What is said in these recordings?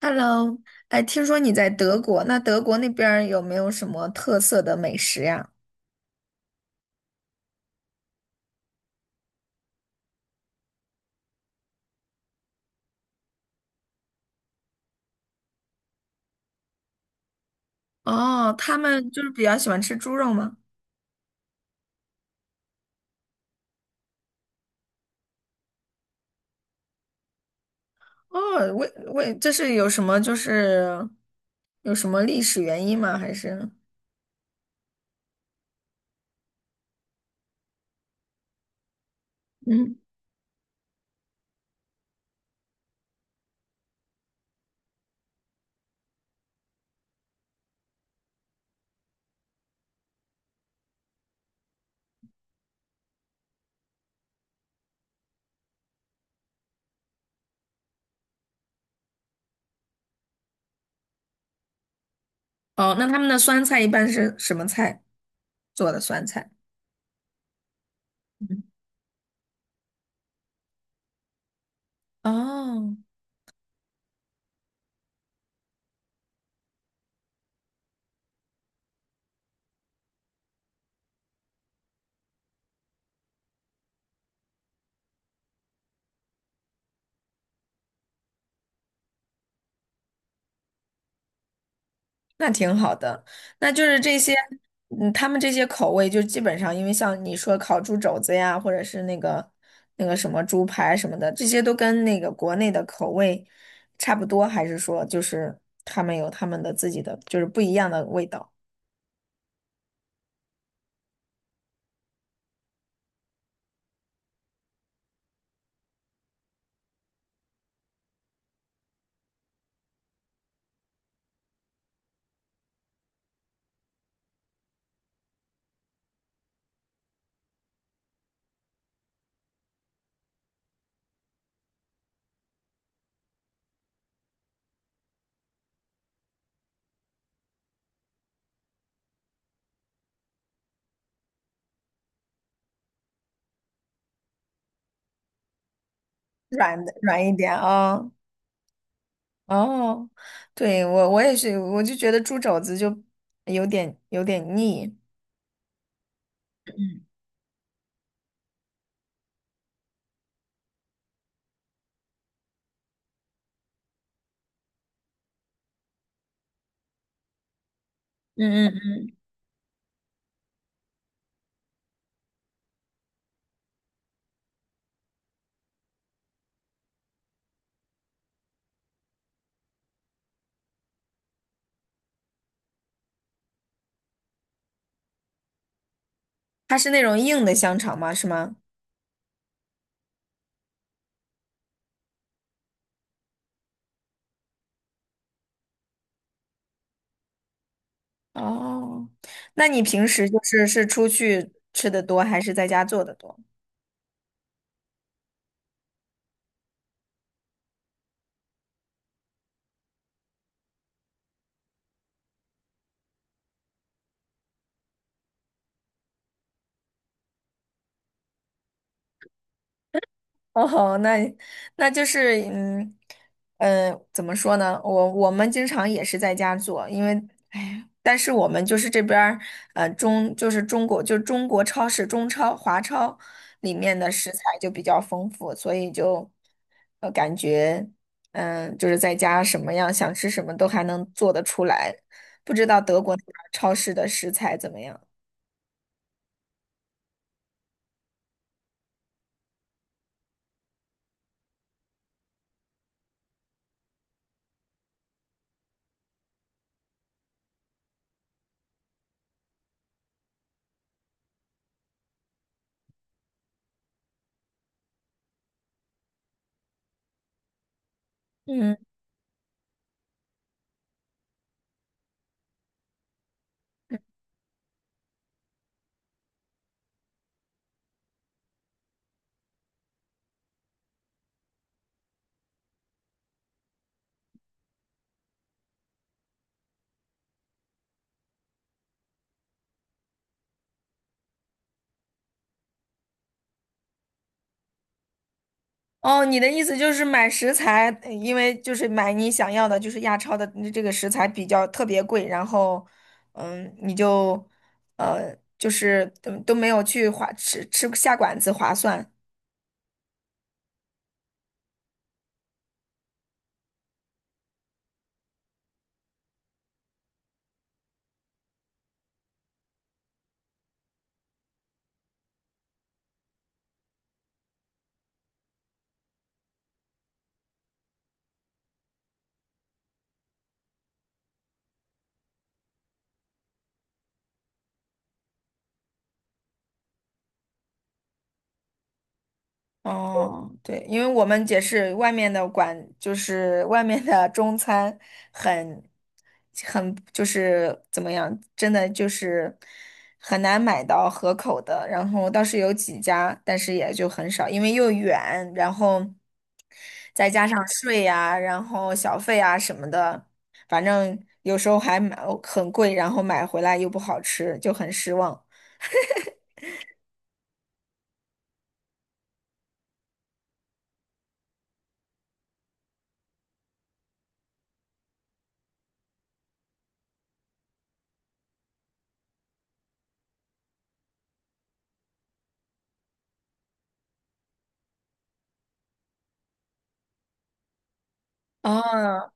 Hello。哎，听说你在德国，那德国那边儿有没有什么特色的美食呀？哦，他们就是比较喜欢吃猪肉吗？哦，为这是有什么历史原因吗？还是嗯。哦，那他们的酸菜一般是什么菜做的酸菜？嗯。哦。那挺好的，那就是这些。嗯，他们这些口味就基本上，因为像你说烤猪肘子呀，或者是那个什么猪排什么的，这些都跟那个国内的口味差不多，还是说就是他们有他们的自己的，就是不一样的味道。软一点啊。哦，对，我也是，我就觉得猪肘子就有点腻。嗯嗯嗯。它是那种硬的香肠吗？是吗？哦，那你平时就是是出去吃的多，还是在家做的多？哦，那就是怎么说呢？我们经常也是在家做。因为哎呀，但是我们就是这边儿呃中就是中国就中国超市，中超，华超里面的食材就比较丰富，所以就感觉就是在家什么样想吃什么都还能做得出来。不知道德国那边儿超市的食材怎么样？嗯。哦，你的意思就是买食材，因为就是买你想要的，就是亚超的这个食材比较特别贵，然后，嗯，你就，呃，就是都没有去划吃下馆子划算。哦，对。因为我们也是外面的馆，就是外面的中餐很，很就是怎么样，真的就是很难买到合口的。然后倒是有几家，但是也就很少，因为又远，然后再加上税呀、然后小费啊什么的，反正有时候还买哦很贵，然后买回来又不好吃，就很失望。哦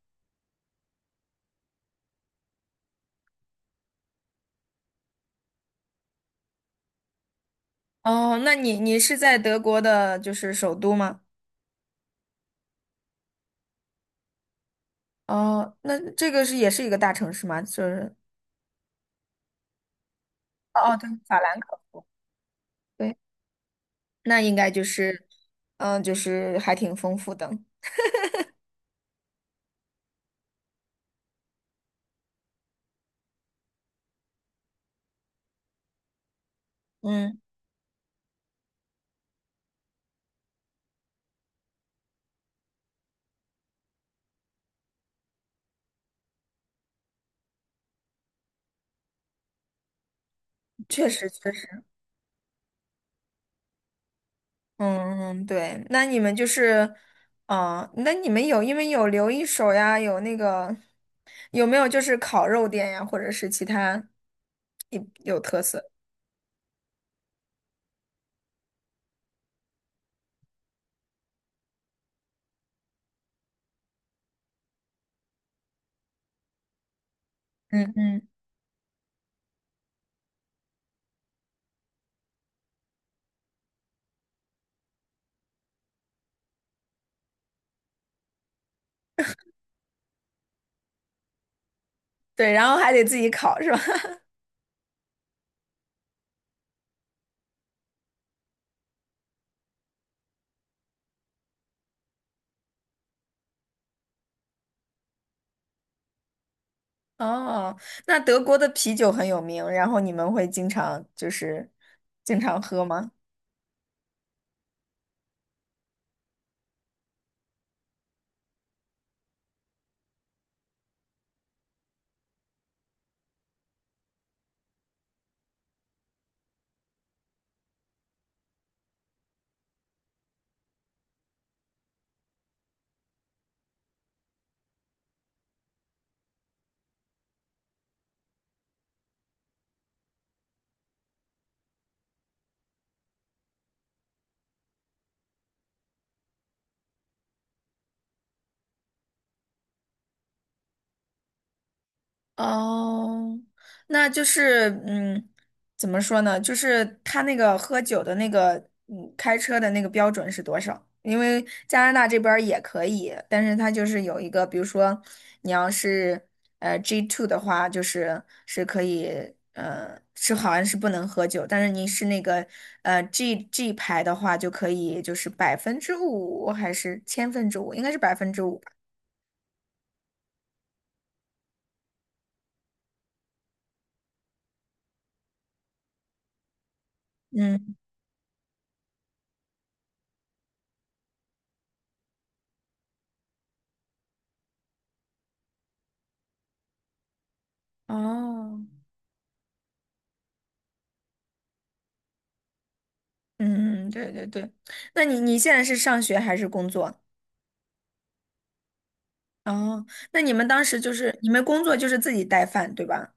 哦，那你是在德国的，就是首都吗？哦，那这个是也是一个大城市吗？就是哦哦，对，法兰克福。对，那应该就是，嗯，就是还挺丰富的。嗯，确实确实。嗯嗯，对，那你们就是。啊、那你们有因为有留一手呀，有那个有没有就是烤肉店呀，或者是其他有特色？嗯嗯，对，然后还得自己烤是吧？哦，那德国的啤酒很有名，然后你们会经常就是经常喝吗？哦，那就是嗯，怎么说呢？就是他那个喝酒的那个，嗯，开车的那个标准是多少？因为加拿大这边儿也可以，但是它就是有一个，比如说你要是G2 的话，就是是可以。是好像是不能喝酒，但是你是那个G 牌的话，就可以就是百分之五还是5‰，应该是百分之五吧？嗯。哦。嗯嗯，对对对。那你现在是上学还是工作？哦，那你们当时就是你们工作就是自己带饭，对吧？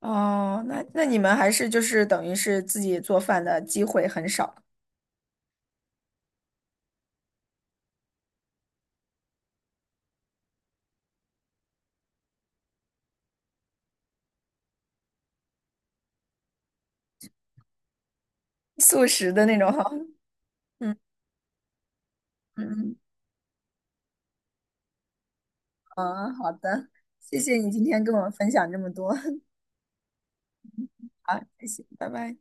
哦，那你们还是就是等于是自己做饭的机会很少。素食的那种。哈。嗯嗯嗯，好的。谢谢你今天跟我分享这么多。好，谢谢，拜拜。